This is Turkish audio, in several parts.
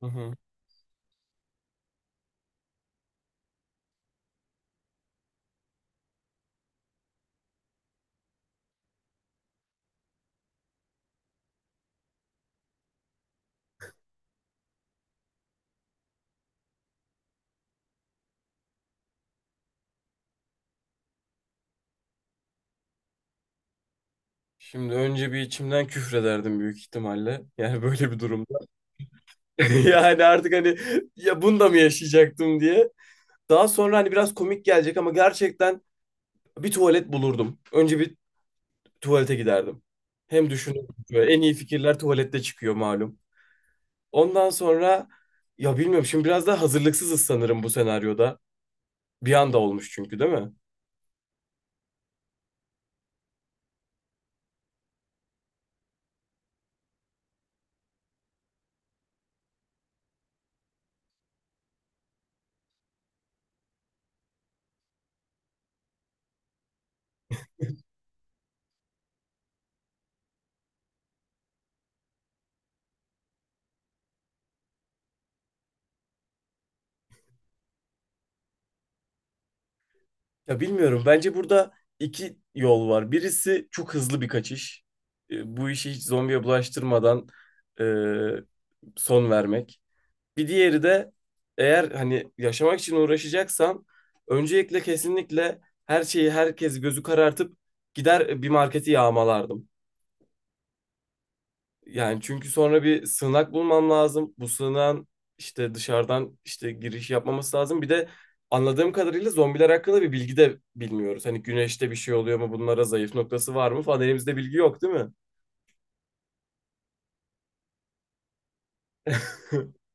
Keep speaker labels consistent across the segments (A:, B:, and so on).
A: Hı hı. Şimdi önce bir içimden küfrederdim büyük ihtimalle. Yani böyle bir durumda. Yani artık ya bunu da mı yaşayacaktım diye. Daha sonra hani biraz komik gelecek ama gerçekten bir tuvalet bulurdum. Önce bir tuvalete giderdim. Hem düşünürdüm. Böyle en iyi fikirler tuvalette çıkıyor malum. Ondan sonra ya bilmiyorum, şimdi biraz daha hazırlıksızız sanırım bu senaryoda. Bir anda olmuş çünkü, değil mi? Ya bilmiyorum. Bence burada iki yol var. Birisi çok hızlı bir kaçış. Bu işi hiç zombiye bulaştırmadan son vermek. Bir diğeri de eğer hani yaşamak için uğraşacaksam öncelikle kesinlikle her şeyi, herkes gözü karartıp gider bir marketi yağmalardım. Yani çünkü sonra bir sığınak bulmam lazım. Bu sığınağın işte dışarıdan işte giriş yapmaması lazım. Bir de anladığım kadarıyla zombiler hakkında bir bilgi de bilmiyoruz. Hani güneşte bir şey oluyor mu? Bunlara zayıf noktası var mı falan. Elimizde bilgi yok, değil mi?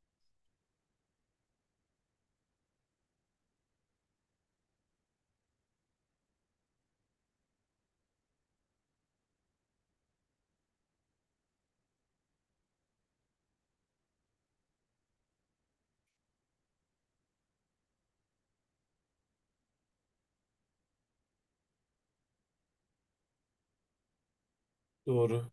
A: Doğru.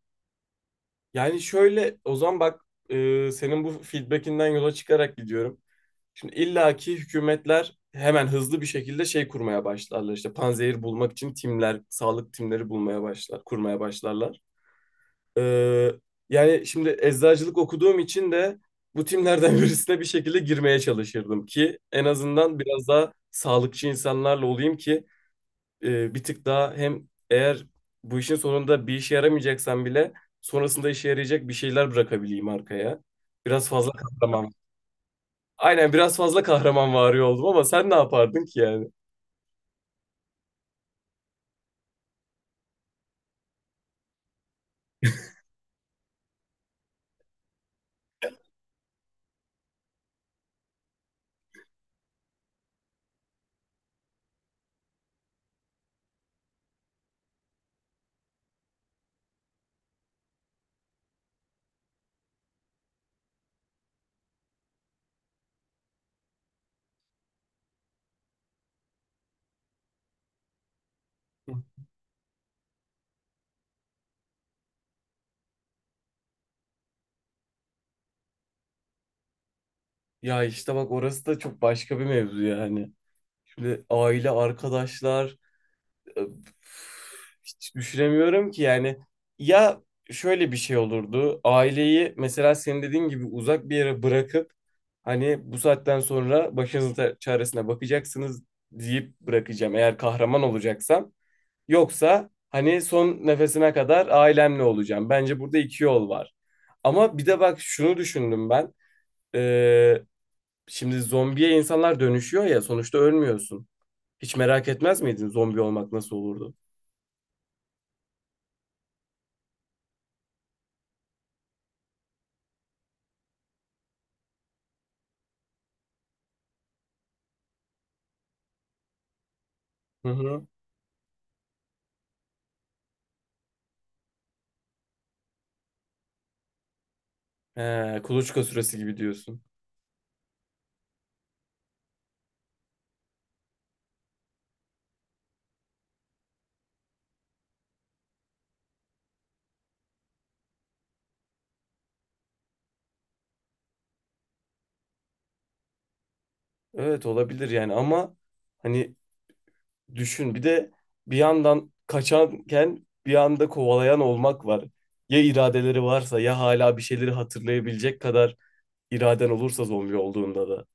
A: Yani şöyle o zaman bak, senin bu feedbackinden yola çıkarak gidiyorum. Şimdi illaki hükümetler hemen hızlı bir şekilde şey kurmaya başlarlar. İşte panzehir bulmak için timler, sağlık timleri bulmaya başlar, kurmaya başlarlar. Ee, Yani şimdi eczacılık okuduğum için de bu timlerden birisine bir şekilde girmeye çalışırdım ki en azından biraz daha sağlıkçı insanlarla olayım ki bir tık daha, hem eğer bu işin sonunda bir işe yaramayacaksan bile sonrasında işe yarayacak bir şeyler bırakabileyim arkaya. Biraz fazla kahraman. Aynen, biraz fazla kahraman vari oldum, ama sen ne yapardın ki yani? Ya işte bak, orası da çok başka bir mevzu yani. Şimdi aile, arkadaşlar, Ö, hiç düşünemiyorum ki yani, ya şöyle bir şey olurdu: aileyi mesela senin dediğin gibi uzak bir yere bırakıp hani bu saatten sonra başınızın çaresine bakacaksınız deyip bırakacağım eğer kahraman olacaksam, yoksa hani son nefesine kadar ailemle olacağım. Bence burada iki yol var. Ama bir de bak şunu düşündüm ben, Ee, şimdi zombiye insanlar dönüşüyor ya, sonuçta ölmüyorsun. Hiç merak etmez miydin zombi olmak nasıl olurdu? Hı hı. He, kuluçka süresi gibi diyorsun. Evet, olabilir yani ama hani düşün bir de, bir yandan kaçanken bir anda kovalayan olmak var. Ya iradeleri varsa, ya hala bir şeyleri hatırlayabilecek kadar iraden olursa zombi olduğunda da.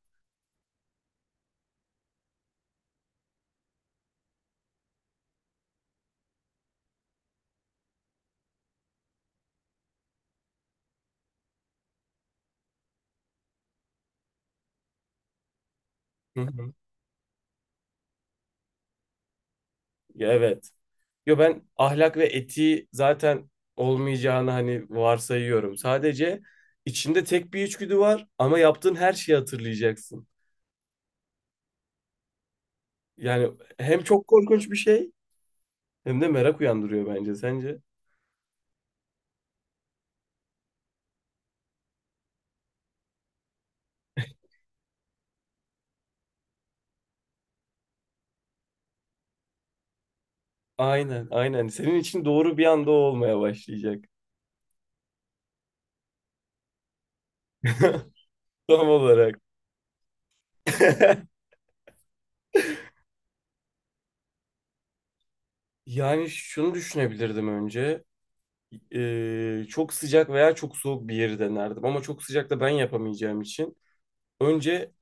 A: Hı hı. Ya evet. Yo, ben ahlak ve etiği zaten olmayacağını hani varsayıyorum. Sadece içinde tek bir içgüdü var ama yaptığın her şeyi hatırlayacaksın. Yani hem çok korkunç bir şey, hem de merak uyandırıyor bence. Sence? Aynen, aynen. Senin için doğru, bir anda o olmaya başlayacak. Tam olarak. Yani şunu düşünebilirdim önce. Çok sıcak veya çok soğuk bir yeri denerdim. Ama çok sıcak da ben yapamayacağım için önce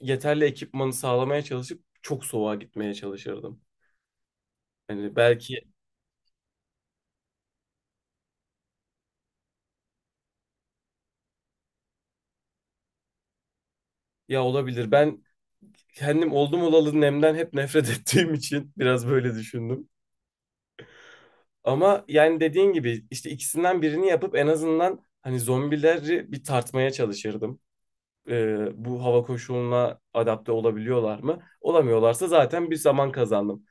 A: yeterli ekipmanı sağlamaya çalışıp çok soğuğa gitmeye çalışırdım. Yani belki ya, olabilir. Ben kendim oldum olalı nemden hep nefret ettiğim için biraz böyle düşündüm. Ama yani dediğin gibi işte ikisinden birini yapıp en azından hani zombileri bir tartmaya çalışırdım. Bu hava koşuluna adapte olabiliyorlar mı? Olamıyorlarsa zaten bir zaman kazandım.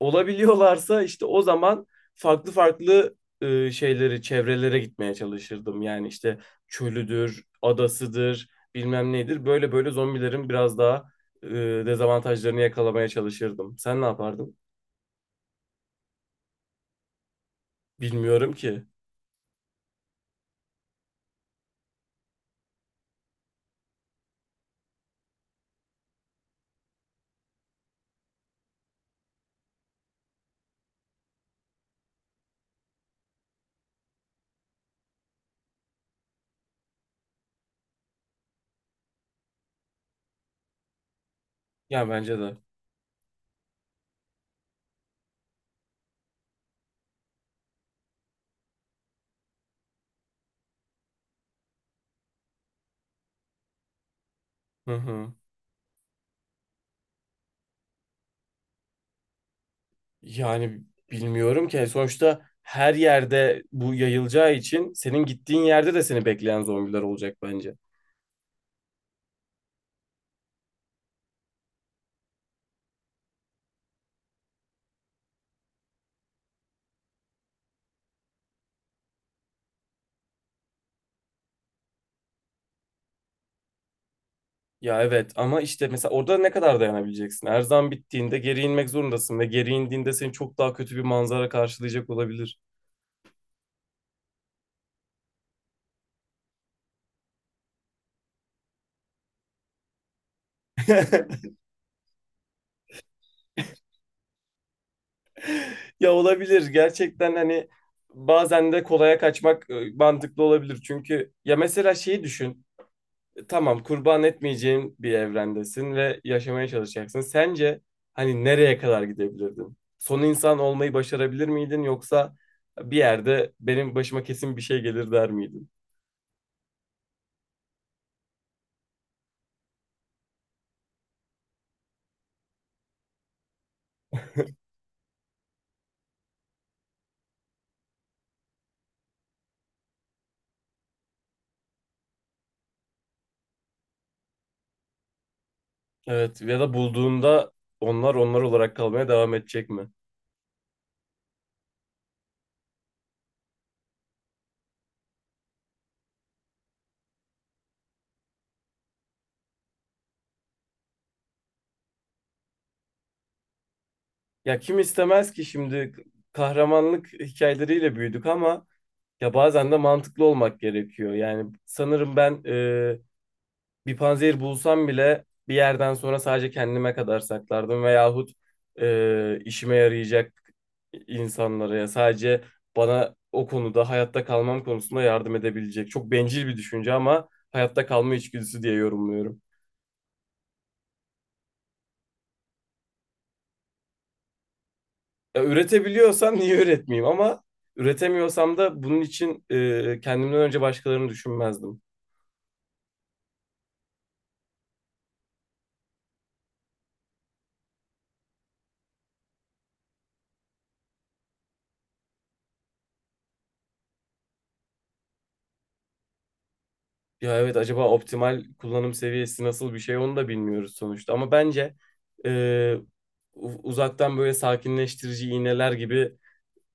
A: Olabiliyorlarsa işte o zaman farklı farklı şeyleri, çevrelere gitmeye çalışırdım. Yani işte çölüdür, adasıdır, bilmem nedir. Böyle böyle zombilerin biraz daha e, dezavantajlarını yakalamaya çalışırdım. Sen ne yapardın? Bilmiyorum ki. Ya bence de. Hı hı. Yani bilmiyorum ki. Hani sonuçta her yerde bu yayılacağı için senin gittiğin yerde de seni bekleyen zombiler olacak bence. Ya evet, ama işte mesela orada ne kadar dayanabileceksin? Her zaman bittiğinde geri inmek zorundasın ve geri indiğinde seni çok daha kötü bir manzara karşılayacak olabilir. Ya olabilir, gerçekten hani bazen de kolaya kaçmak mantıklı olabilir. Çünkü ya mesela şeyi düşün, tamam kurban etmeyeceğin bir evrendesin ve yaşamaya çalışacaksın. Sence hani nereye kadar gidebilirdin? Son insan olmayı başarabilir miydin, yoksa bir yerde benim başıma kesin bir şey gelir der miydin? Evet, ya da bulduğunda onlar olarak kalmaya devam edecek mi? Ya kim istemez ki şimdi, kahramanlık hikayeleriyle büyüdük ama ya bazen de mantıklı olmak gerekiyor. Yani sanırım ben bir panzehir bulsam bile bir yerden sonra sadece kendime kadar saklardım, veyahut işime yarayacak insanlara, ya sadece bana o konuda, hayatta kalmam konusunda yardım edebilecek. Çok bencil bir düşünce ama hayatta kalma içgüdüsü diye yorumluyorum. Ya, üretebiliyorsam niye üretmeyeyim, ama üretemiyorsam da bunun için kendimden önce başkalarını düşünmezdim. Ya evet, acaba optimal kullanım seviyesi nasıl bir şey, onu da bilmiyoruz sonuçta. Ama bence e, uzaktan böyle sakinleştirici iğneler gibi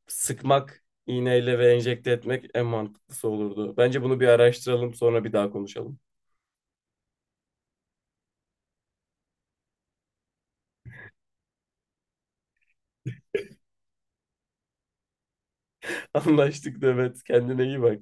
A: sıkmak iğneyle ve enjekte etmek en mantıklısı olurdu. Bence bunu bir araştıralım, sonra bir daha konuşalım. Anlaştık Demet. Kendine iyi bak.